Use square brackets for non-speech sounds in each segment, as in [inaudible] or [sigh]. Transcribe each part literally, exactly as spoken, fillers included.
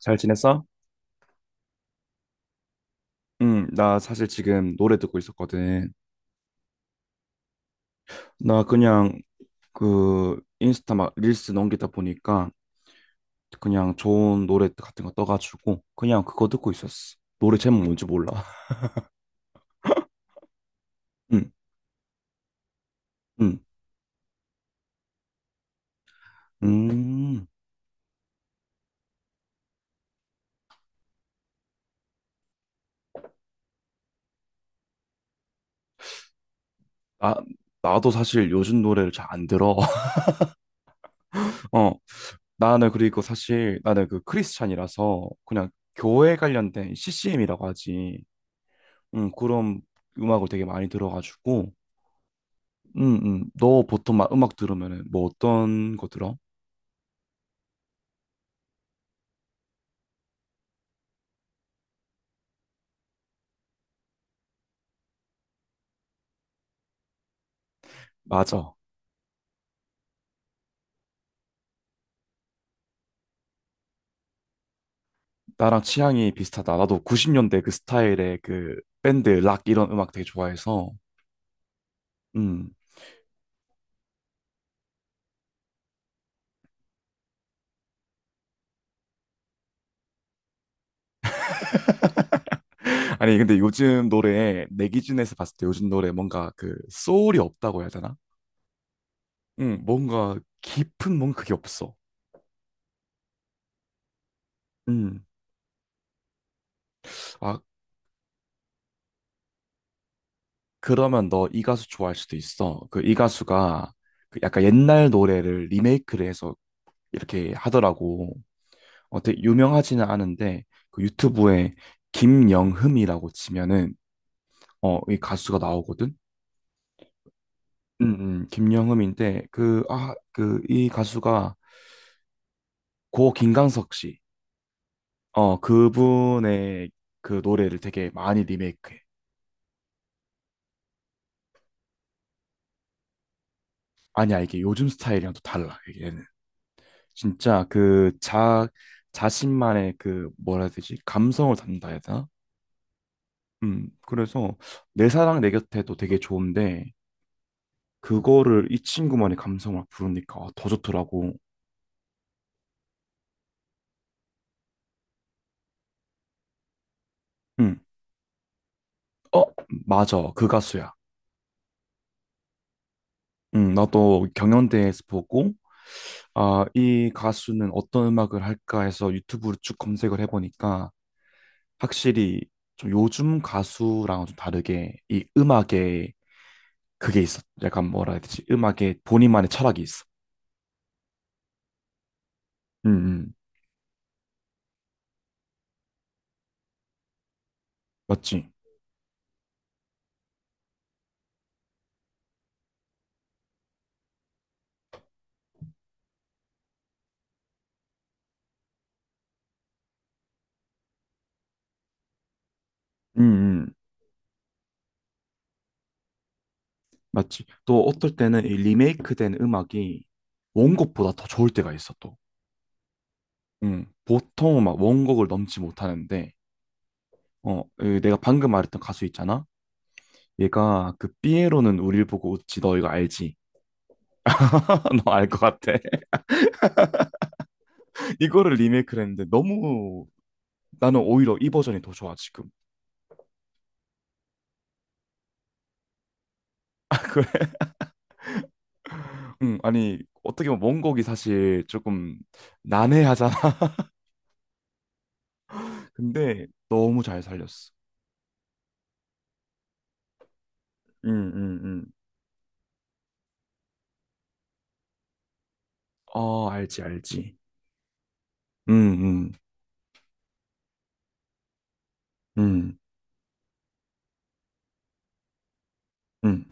잘 지냈어? 응, 나 사실 지금 노래 듣고 있었거든. 나 그냥 그 인스타 막 릴스 넘기다 보니까 그냥 좋은 노래 같은 거 떠가지고 그냥 그거 듣고 있었어. 노래 제목 뭔지 몰라. [laughs] 응, 응, 음. 아, 나도 사실 요즘 노래를 잘 안 들어. [laughs] 어, 나는 그리고 사실 나는 그 크리스찬이라서 그냥 교회 관련된 씨씨엠이라고 하지. 응, 그런 음악을 되게 많이 들어가지고 응, 응. 너 보통 막 음악 들으면은 뭐 어떤 거 들어? 맞아. 나랑 취향이 비슷하다. 나도 구십 년대 그 스타일의 그 밴드, 락 이런 음악 되게 좋아해서. 음. [laughs] 아니, 근데 요즘 노래, 내 기준에서 봤을 때 요즘 노래 뭔가 그 소울이 없다고 해야 되나? 응, 뭔가 깊은 뭔가 그게 없어. 음. 아, 그러면 너 이 가수 좋아할 수도 있어. 그 이 가수가 그 약간 옛날 노래를 리메이크를 해서 이렇게 하더라고. 어, 되게 유명하지는 않은데 그 유튜브에 김영흠이라고 치면은 어, 이 가수가 나오거든. 음, 음, 김영흠인데 그 아, 그 이 가수가 고 김광석 씨. 어, 그분의 그 노래를 되게 많이 리메이크해. 아니야, 이게 요즘 스타일이랑 또 달라. 얘는 진짜 그 자 자신만의 그 뭐라 해야 되지? 감성을 담는다 해야 되나? 음, 그래서 내 사랑 내 곁에도 되게 좋은데 그거를 이 친구만의 감성을 부르니까 아, 더 좋더라고. 응. 어, 맞아. 그 가수야. 응, 나도 경연대회에서 보고, 아, 이 가수는 어떤 음악을 할까 해서 유튜브로 쭉 검색을 해보니까 확실히 좀 요즘 가수랑은 좀 다르게 이 음악에 그게 있어. 약간 뭐라 해야 되지? 음악에 본인만의 철학이 있어. 응, 응. 맞지? 응, 응. 맞지? 또 어떨 때는 이 리메이크된 음악이 원곡보다 더 좋을 때가 있어, 또. 음, 보통은 막 원곡을 넘지 못하는데, 어, 그 내가 방금 말했던 가수 있잖아? 얘가 그 삐에로는 우릴 보고 웃지, 너 이거 알지? [laughs] 너 알 것 같아. [laughs] 이거를 리메이크를 했는데 너무 나는 오히려 이 버전이 더 좋아, 지금. [laughs] 그래. 음, 아니, 어떻게 보면 원곡이 사실 조금 난해하잖아. [laughs] 근데 너무 잘 살렸어. 음, 음, 음. 어, 알지, 알지. 음, 음, 음, 음.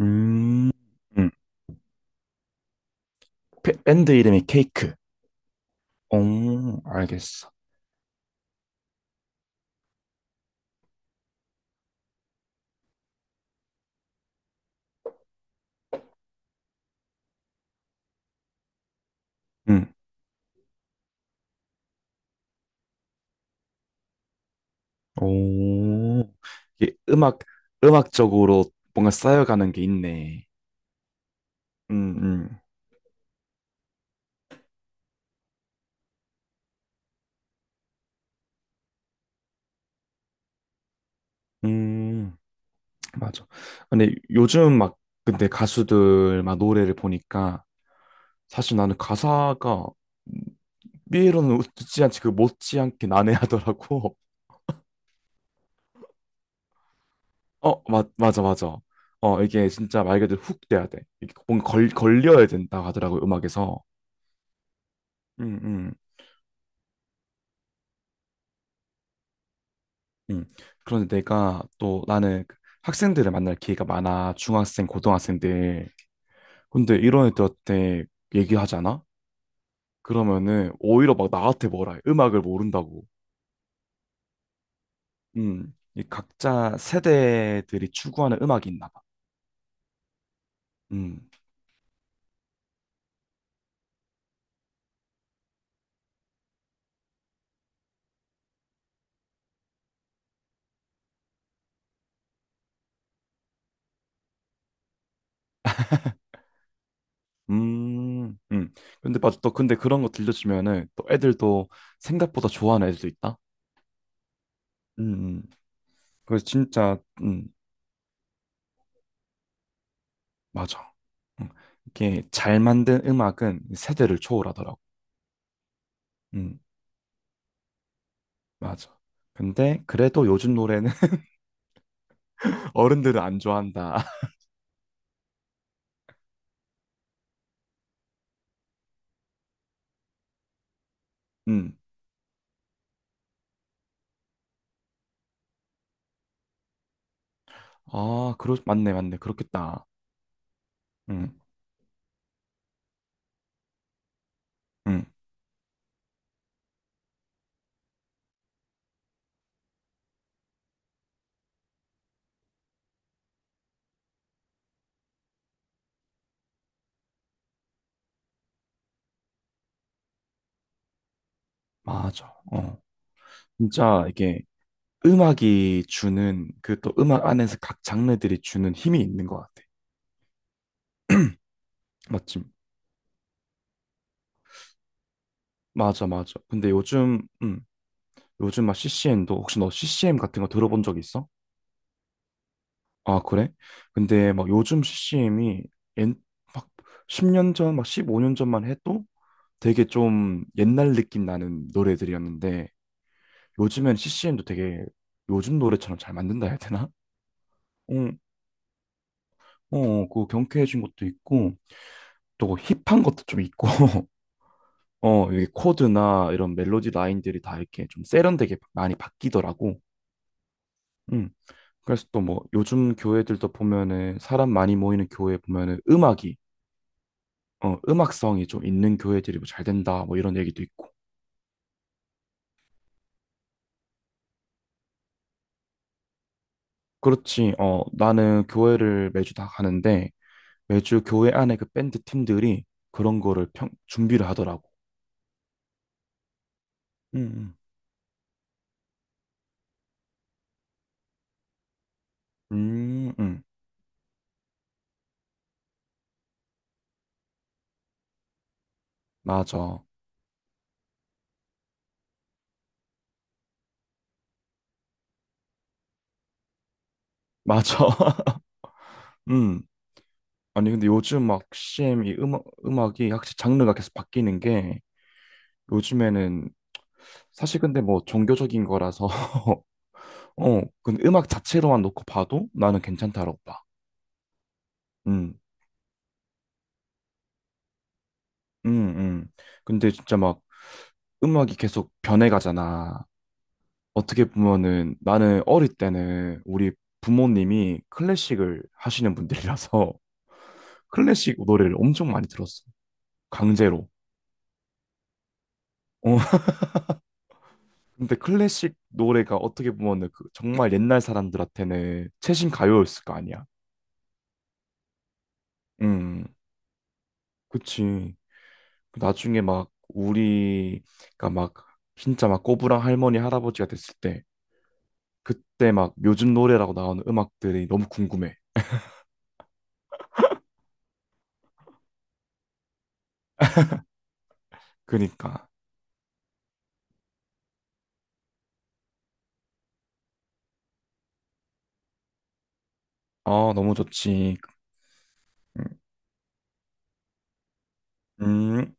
음. 음. 밴드 이름이 케이크. 오, 알겠어. 음. 오, 이게 음악, 음악적으로 뭔가 쌓여가는 게 있네. 음, 음, 음, 맞아. 근데 요즘 막, 근데 가수들 막 노래를 보니까 사실 나는 가사가 삐에로는 못지않게 그 못지않게 난해하더라고. [laughs] 어, 맞, 맞아, 맞아. 어, 이게 진짜 말 그대로 훅 돼야 돼. 이게 뭔가 걸, 걸려야 된다고 하더라고, 음악에서. 음, 음. 음. 그런데 내가 또 나는 그 학생들을 만날 기회가 많아. 중학생, 고등학생들. 근데 이런 애들한테 얘기하잖아? 그러면은 오히려 막 나한테 뭐라 해. 음악을 모른다고. 음. 이 각자 세대들이 추구하는 음악이 있나 봐. 음. 음. 음. 근데 맞아. 또 근데 그런 거 들려주면은 또 애들도 생각보다 좋아하는 애들도 있다. 음. 음. 그래서 진짜 음. 맞아. 음. 이게 잘 만든 음악은 세대를 초월하더라고. 음. 맞아. 근데 그래도 요즘 노래는 [laughs] 어른들은 안 좋아한다. [laughs] 음. 아, 그러 맞네, 맞네. 그렇겠다. 음. 음. 맞아. 어. 진짜 이게 음악이 주는 그 또 음악 안에서 각 장르들이 주는 힘이 있는 것 같아. 맞지? 맞아, 맞아. 근데 요즘 음. 요즘 막 씨씨엠도 혹시 너 씨씨엠 같은 거 들어본 적 있어? 아, 그래? 근데 막 요즘 씨씨엠이 막 십 년 전, 막 십오 년 전만 해도 되게 좀 옛날 느낌 나는 노래들이었는데 요즘엔 씨씨엠도 되게 요즘 노래처럼 잘 만든다 해야 되나? 응, 어, 그 경쾌해진 것도 있고 또 그 힙한 것도 좀 있고 [laughs] 어, 이게 코드나 이런 멜로디 라인들이 다 이렇게 좀 세련되게 많이 바뀌더라고. 응. 그래서 또 뭐 요즘 교회들도 보면은 사람 많이 모이는 교회 보면은 음악이 어, 음악성이 좀 있는 교회들이 뭐 잘 된다 뭐 이런 얘기도 있고. 그렇지. 어, 나는 교회를 매주 다 가는데 매주 교회 안에 그 밴드 팀들이 그런 거를 평, 준비를 하더라고. 음, 음, 음, 음. 맞아. 맞아. [laughs] 음. 아니, 근데 요즘 막 씨엠 이 음악, 음악이 확실히 장르가 계속 바뀌는 게 요즘에는 사실 근데 뭐 종교적인 거라서 [laughs] 어, 근데 음악 자체로만 놓고 봐도 나는 괜찮다라고 봐. 음, 음, 음. 근데 진짜 막 음악이 계속 변해가잖아. 어떻게 보면은 나는 어릴 때는 우리 부모님이 클래식을 하시는 분들이라서 [laughs] 클래식 노래를 엄청 많이 들었어. 강제로. 어. [laughs] 근데 클래식 노래가 어떻게 보면은 그 정말 옛날 사람들한테는 최신 가요였을 거 아니야. 음, 그치. 나중에 막 우리가 막 진짜 막 꼬부랑 할머니 할아버지가 됐을 때 그때 막 요즘 노래라고 나오는 음악들이 너무 궁금해. 그니까. 아, 너무 좋지. 음.